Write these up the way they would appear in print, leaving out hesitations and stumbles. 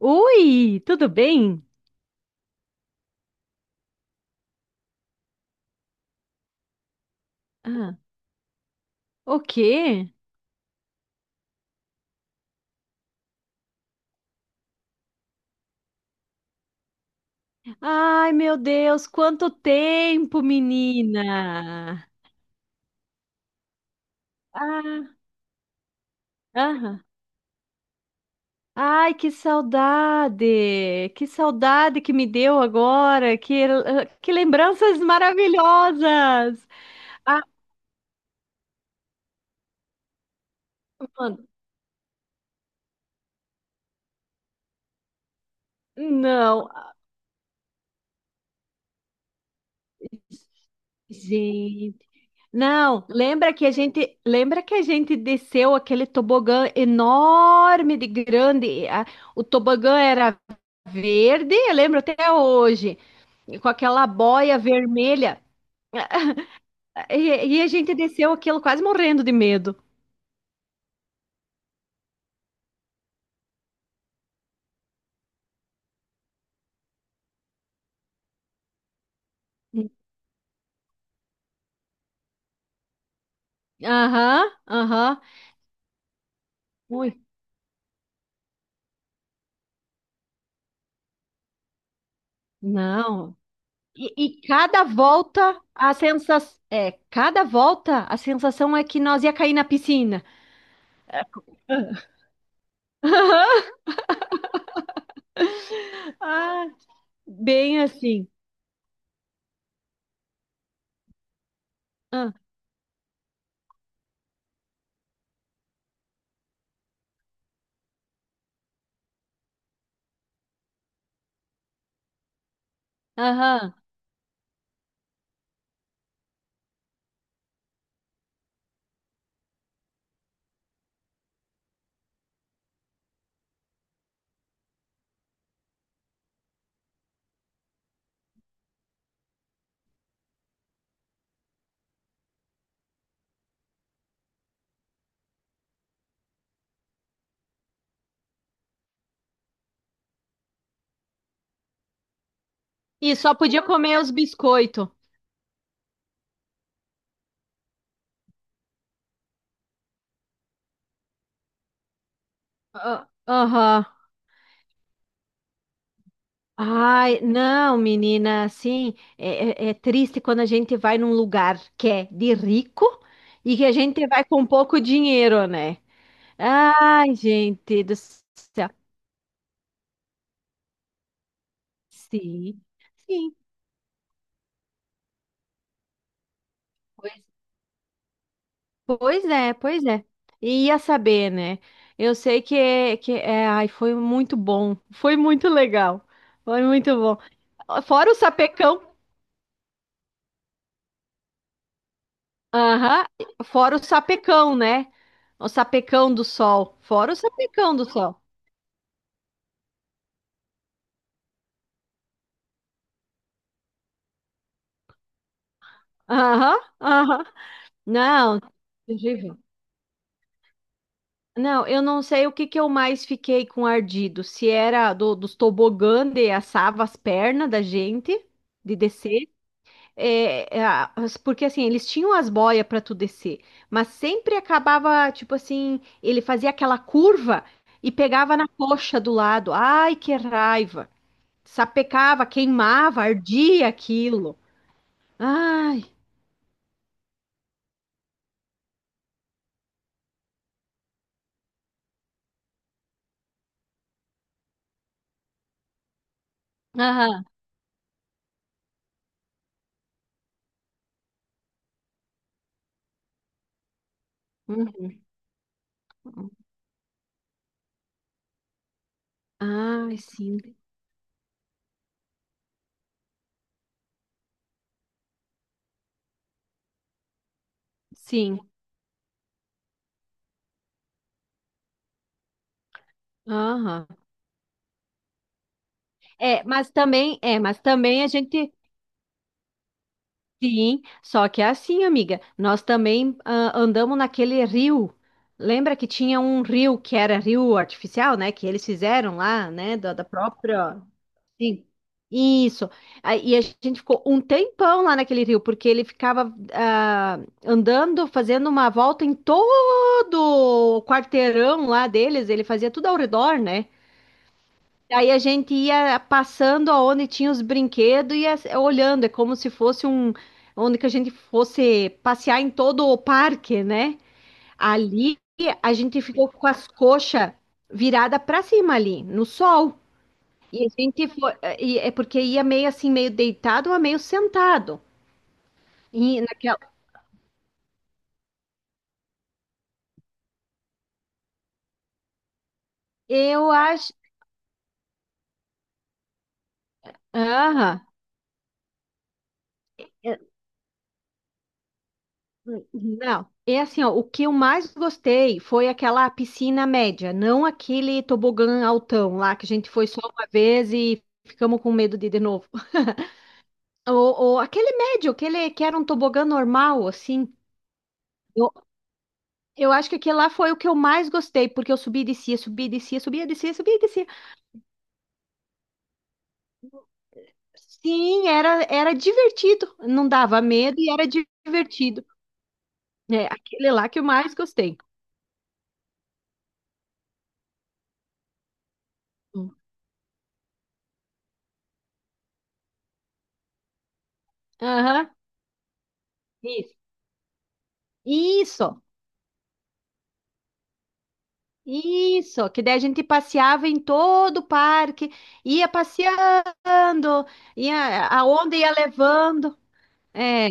Oi, tudo bem? Ah, o quê? Ai, meu Deus, quanto tempo, menina! Ah, aham. Ai, que saudade! Que saudade que me deu agora! Que lembranças maravilhosas! Ah, mano, não, gente. Não, lembra que a gente desceu aquele tobogã enorme de grande? O tobogã era verde, eu lembro até hoje, com aquela boia vermelha. E a gente desceu aquilo quase morrendo de medo. Aham, aham. Ui, não. E cada volta a sensação é que nós ia cair na piscina. Ah, bem assim. Ah, aham. E só podia comer os biscoitos. Ah, aham. Ai, não, menina, assim, é triste quando a gente vai num lugar que é de rico e que a gente vai com pouco dinheiro, né? Ai, gente do céu. Sim, sim, pois, pois é, pois é. E ia saber, né? Eu sei que ai, foi muito bom, foi muito legal, foi muito bom. Fora o sapecão. Aham. Fora o sapecão, né? O sapecão do sol. Fora o sapecão do sol. Aham, aham. Não, terrível. Não, eu não sei o que que eu mais fiquei com ardido. Se era dos tobogã de assava as pernas da gente, de descer. É, porque assim, eles tinham as boias para tu descer, mas sempre acabava, tipo assim, ele fazia aquela curva e pegava na coxa do lado. Ai, que raiva! Sapecava, queimava, ardia aquilo. Ai, aham, uhum. Ai, sim, sim, aham. É, mas também a gente, sim, só que é assim, amiga, nós também andamos naquele rio, lembra que tinha um rio que era rio artificial, né, que eles fizeram lá, né, da própria. Sim, isso. E a gente ficou um tempão lá naquele rio, porque ele ficava andando, fazendo uma volta em todo o quarteirão lá deles, ele fazia tudo ao redor, né? Aí a gente ia passando aonde tinha os brinquedos e ia olhando, é como se fosse um, onde que a gente fosse passear em todo o parque, né? Ali a gente ficou com as coxas viradas para cima ali, no sol. E a gente foi, e é porque ia meio assim, meio deitado ou meio sentado. E naquela, eu acho, aham, é, não. É assim, ó, o que eu mais gostei foi aquela piscina média, não aquele tobogã altão lá que a gente foi só uma vez e ficamos com medo de ir de novo. Ou aquele médio, aquele que era um tobogã normal, assim. Eu, eu acho que aquele lá foi o que eu mais gostei, porque eu subi e descia, subia e descia, subia e descia, subia e descia. Sim, era divertido. Não dava medo e era divertido. É aquele lá que eu mais gostei. Hum. Aham, isso. Isso, isso. Que daí a gente passeava em todo o parque, ia passeando, a onda ia levando. É,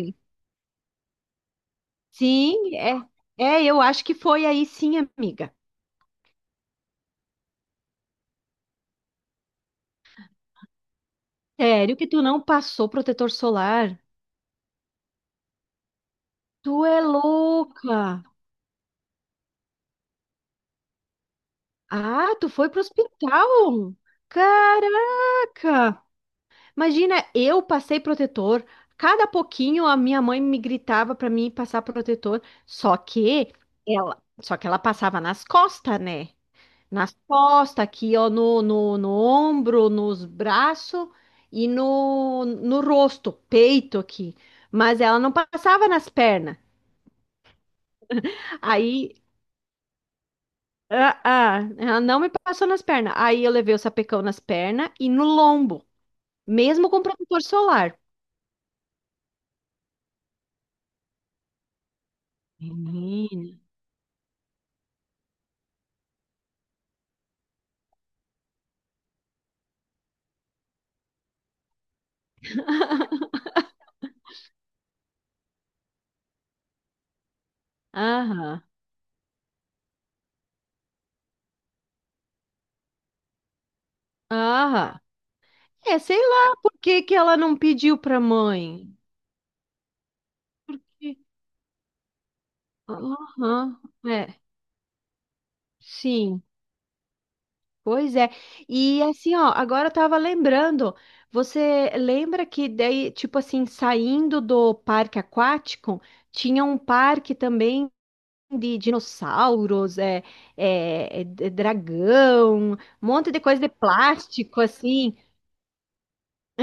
sim, eu acho que foi aí sim, amiga. Sério que tu não passou protetor solar? Tu é louca. Ah, tu foi pro hospital? Caraca! Imagina, eu passei protetor. Cada pouquinho a minha mãe me gritava pra mim passar protetor. Só que ela passava nas costas, né? Nas costas, aqui, ó, no ombro, nos braços e no rosto, peito aqui. Mas ela não passava nas pernas. Aí, ela não me passou nas pernas. Aí eu levei o sapecão nas pernas e no lombo. Mesmo com protetor solar. Menina. Aham. Aham. É, sei lá por que que ela não pediu pra mãe. Aham. É. Sim. Pois é. E assim, ó, agora eu tava lembrando. Você lembra que daí, tipo assim, saindo do parque aquático, tinha um parque também de dinossauros, dragão, um monte de coisa de plástico, assim.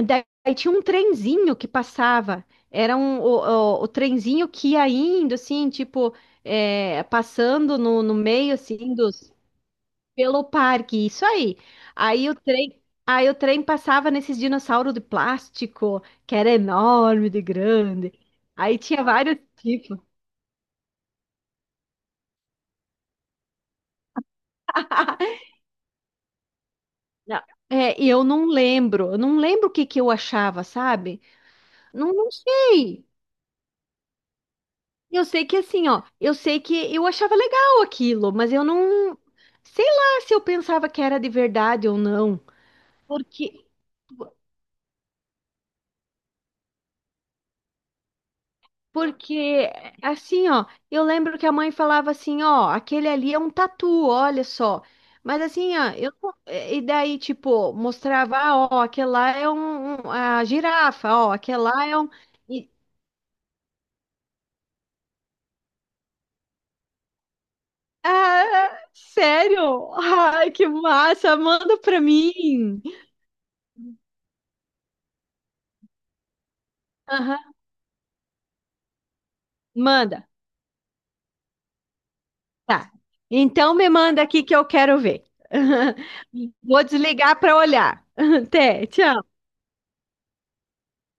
Daí tinha um trenzinho que passava. Era o trenzinho que ia indo, assim, tipo, passando no meio, assim, dos, pelo parque. Isso aí. Aí o trem, aí o trem passava nesses dinossauros de plástico, que era enorme, de grande. Aí tinha vários tipos. Não, é, e eu não lembro o que que eu achava, sabe? Não, não sei. Eu sei que assim, ó, eu sei que eu achava legal aquilo, mas eu não, sei lá se eu pensava que era de verdade ou não, porque porque assim, ó, eu lembro que a mãe falava assim, ó, aquele ali é um tatu, olha só. Mas assim, ó, eu não- eh, e daí tipo mostrava, ah, ó, aquele lá é um, a girafa, ó, aquele lá é um e- ah, sério? Ai, que massa, manda pra mim. Aham, manda. Tá. Então me manda aqui que eu quero ver. Vou desligar para olhar. Até, tchau.